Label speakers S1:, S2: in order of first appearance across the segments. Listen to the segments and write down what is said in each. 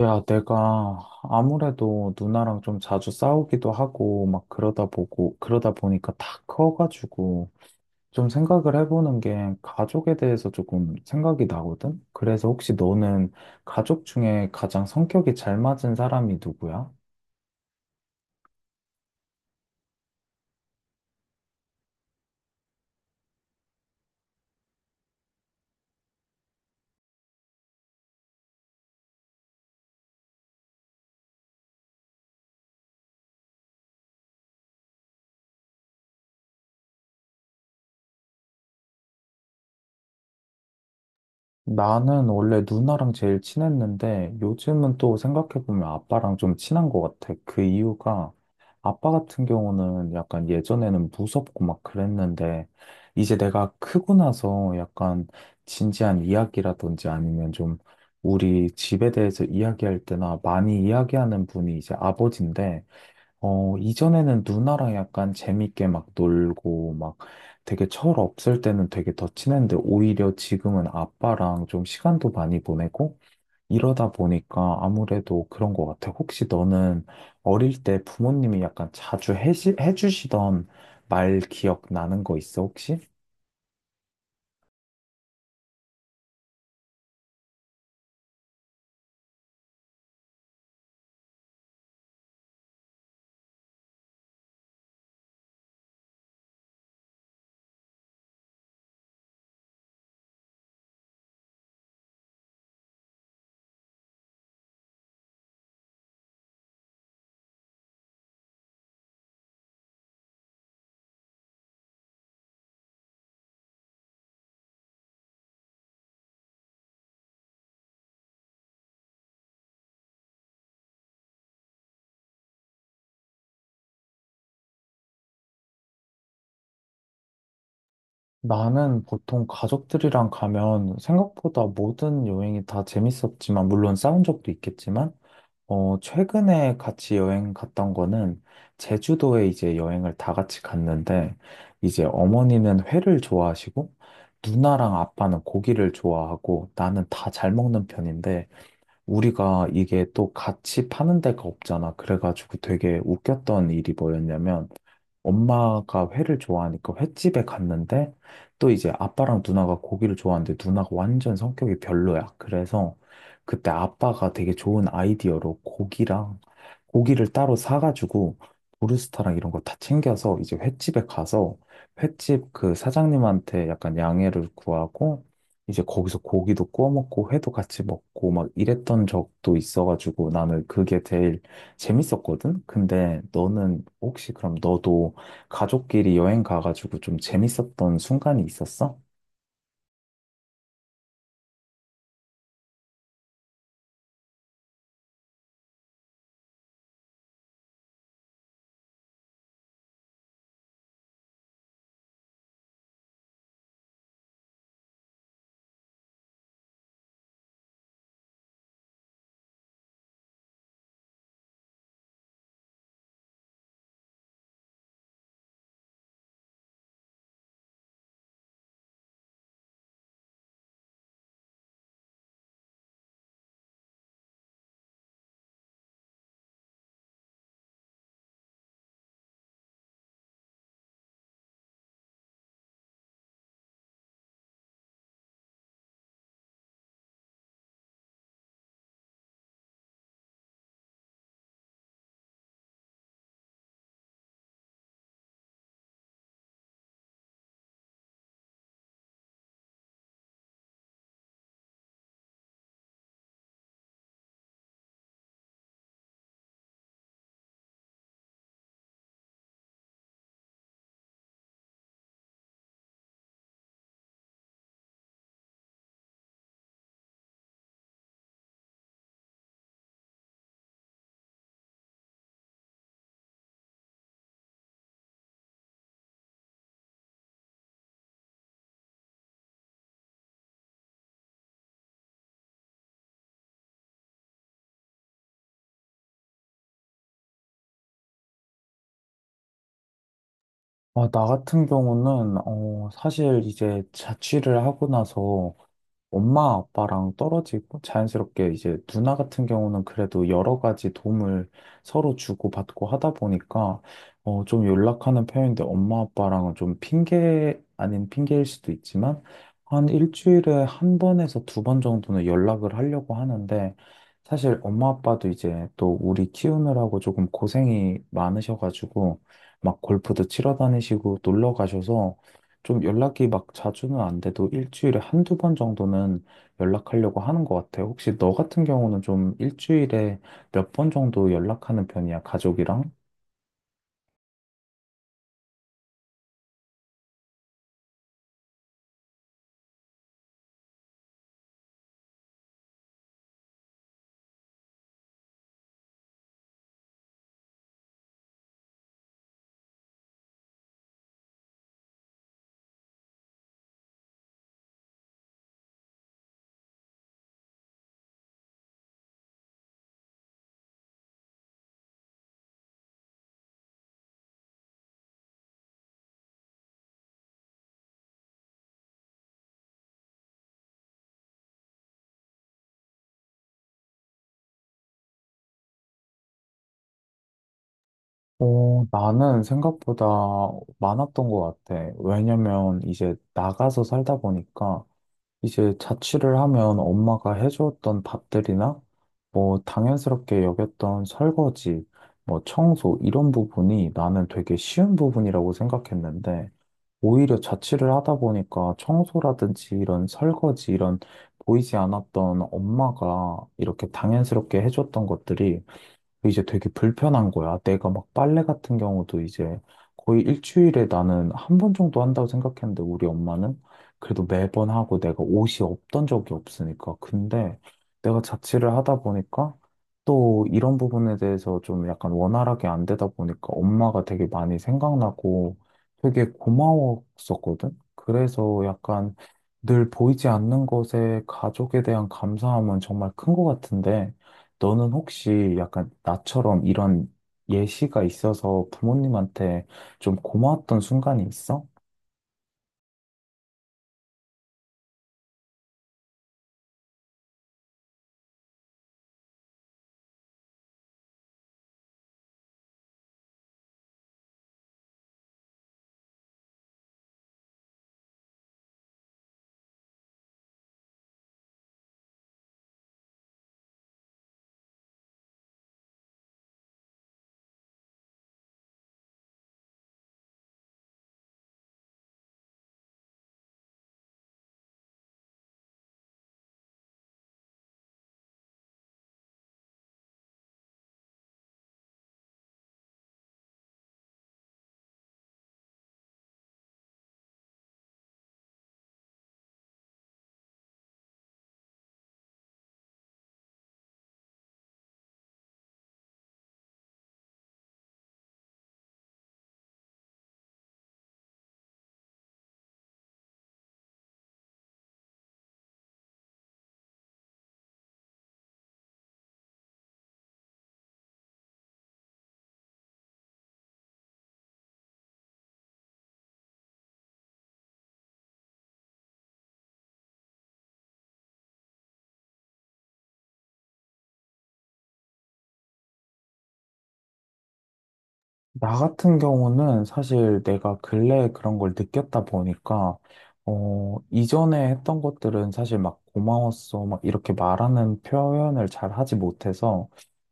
S1: 야, 내가 아무래도 누나랑 좀 자주 싸우기도 하고, 막 그러다 보니까 다 커가지고, 좀 생각을 해보는 게 가족에 대해서 조금 생각이 나거든? 그래서 혹시 너는 가족 중에 가장 성격이 잘 맞은 사람이 누구야? 나는 원래 누나랑 제일 친했는데 요즘은 또 생각해보면 아빠랑 좀 친한 것 같아. 그 이유가 아빠 같은 경우는 약간 예전에는 무섭고 막 그랬는데 이제 내가 크고 나서 약간 진지한 이야기라든지 아니면 좀 우리 집에 대해서 이야기할 때나 많이 이야기하는 분이 이제 아버지인데, 이전에는 누나랑 약간 재밌게 막 놀고, 막 되게 철 없을 때는 되게 더 친했는데, 오히려 지금은 아빠랑 좀 시간도 많이 보내고, 이러다 보니까 아무래도 그런 것 같아. 혹시 너는 어릴 때 부모님이 약간 자주 해주시던 말 기억 나는 거 있어, 혹시? 나는 보통 가족들이랑 가면 생각보다 모든 여행이 다 재밌었지만, 물론 싸운 적도 있겠지만, 최근에 같이 여행 갔던 거는 제주도에 이제 여행을 다 같이 갔는데, 이제 어머니는 회를 좋아하시고 누나랑 아빠는 고기를 좋아하고 나는 다 잘 먹는 편인데, 우리가 이게 또 같이 파는 데가 없잖아. 그래가지고 되게 웃겼던 일이 뭐였냐면, 엄마가 회를 좋아하니까 횟집에 갔는데 또 이제 아빠랑 누나가 고기를 좋아하는데 누나가 완전 성격이 별로야. 그래서 그때 아빠가 되게 좋은 아이디어로 고기랑 고기를 따로 사가지고 브루스타랑 이런 거 다 챙겨서 이제 횟집에 가서 횟집 그 사장님한테 약간 양해를 구하고 이제 거기서 고기도 구워 먹고 회도 같이 먹고 막 이랬던 적도 있어가지고, 나는 그게 제일 재밌었거든? 근데 너는 혹시 그럼 너도 가족끼리 여행 가가지고 좀 재밌었던 순간이 있었어? 아, 나 같은 경우는, 사실 이제 자취를 하고 나서 엄마, 아빠랑 떨어지고 자연스럽게 이제 누나 같은 경우는 그래도 여러 가지 도움을 서로 주고받고 하다 보니까 좀 연락하는 편인데, 엄마, 아빠랑은 좀 핑계 아닌 핑계일 수도 있지만 한 일주일에 한 번에서 두 번 정도는 연락을 하려고 하는데, 사실 엄마, 아빠도 이제 또 우리 키우느라고 조금 고생이 많으셔가지고 막 골프도 치러 다니시고 놀러 가셔서 좀 연락이 막 자주는 안 돼도 일주일에 한두 번 정도는 연락하려고 하는 것 같아요. 혹시 너 같은 경우는 좀 일주일에 몇 번 정도 연락하는 편이야, 가족이랑? 나는 생각보다 많았던 것 같아. 왜냐면 이제 나가서 살다 보니까 이제 자취를 하면 엄마가 해줬던 밥들이나 뭐 당연스럽게 여겼던 설거지, 뭐 청소 이런 부분이 나는 되게 쉬운 부분이라고 생각했는데, 오히려 자취를 하다 보니까 청소라든지 이런 설거지 이런 보이지 않았던 엄마가 이렇게 당연스럽게 해줬던 것들이 이제 되게 불편한 거야. 내가 막 빨래 같은 경우도 이제 거의 일주일에 나는 한 번 정도 한다고 생각했는데 우리 엄마는 그래도 매번 하고 내가 옷이 없던 적이 없으니까. 근데 내가 자취를 하다 보니까 또 이런 부분에 대해서 좀 약간 원활하게 안 되다 보니까 엄마가 되게 많이 생각나고 되게 고마웠었거든. 그래서 약간 늘 보이지 않는 것에 가족에 대한 감사함은 정말 큰 것 같은데, 너는 혹시 약간 나처럼 이런 예시가 있어서 부모님한테 좀 고마웠던 순간이 있어? 나 같은 경우는 사실 내가 근래에 그런 걸 느꼈다 보니까, 이전에 했던 것들은 사실 막 고마웠어, 막 이렇게 말하는 표현을 잘 하지 못해서,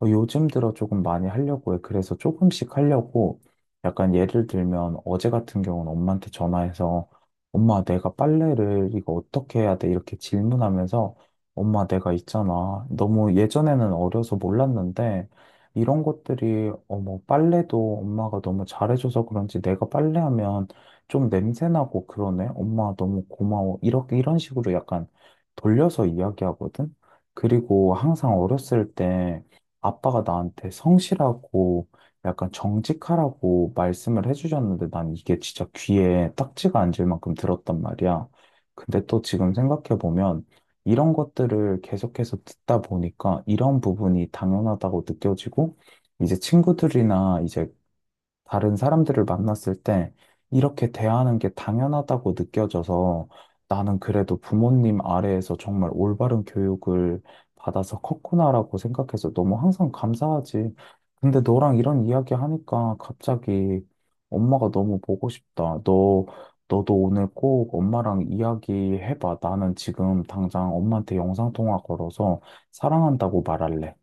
S1: 요즘 들어 조금 많이 하려고 해. 그래서 조금씩 하려고 약간 예를 들면, 어제 같은 경우는 엄마한테 전화해서 엄마 내가 빨래를 이거 어떻게 해야 돼? 이렇게 질문하면서, 엄마 내가 있잖아, 너무 예전에는 어려서 몰랐는데 이런 것들이 뭐 빨래도 엄마가 너무 잘해줘서 그런지 내가 빨래하면 좀 냄새나고 그러네. 엄마 너무 고마워. 이렇게 이런 식으로 약간 돌려서 이야기하거든. 그리고 항상 어렸을 때 아빠가 나한테 성실하고 약간 정직하라고 말씀을 해주셨는데, 난 이게 진짜 귀에 딱지가 앉을 만큼 들었단 말이야. 근데 또 지금 생각해보면 이런 것들을 계속해서 듣다 보니까 이런 부분이 당연하다고 느껴지고, 이제 친구들이나 이제 다른 사람들을 만났을 때 이렇게 대하는 게 당연하다고 느껴져서, 나는 그래도 부모님 아래에서 정말 올바른 교육을 받아서 컸구나라고 생각해서 너무 항상 감사하지. 근데 너랑 이런 이야기 하니까 갑자기 엄마가 너무 보고 싶다. 너도 오늘 꼭 엄마랑 이야기해봐. 나는 지금 당장 엄마한테 영상통화 걸어서 사랑한다고 말할래.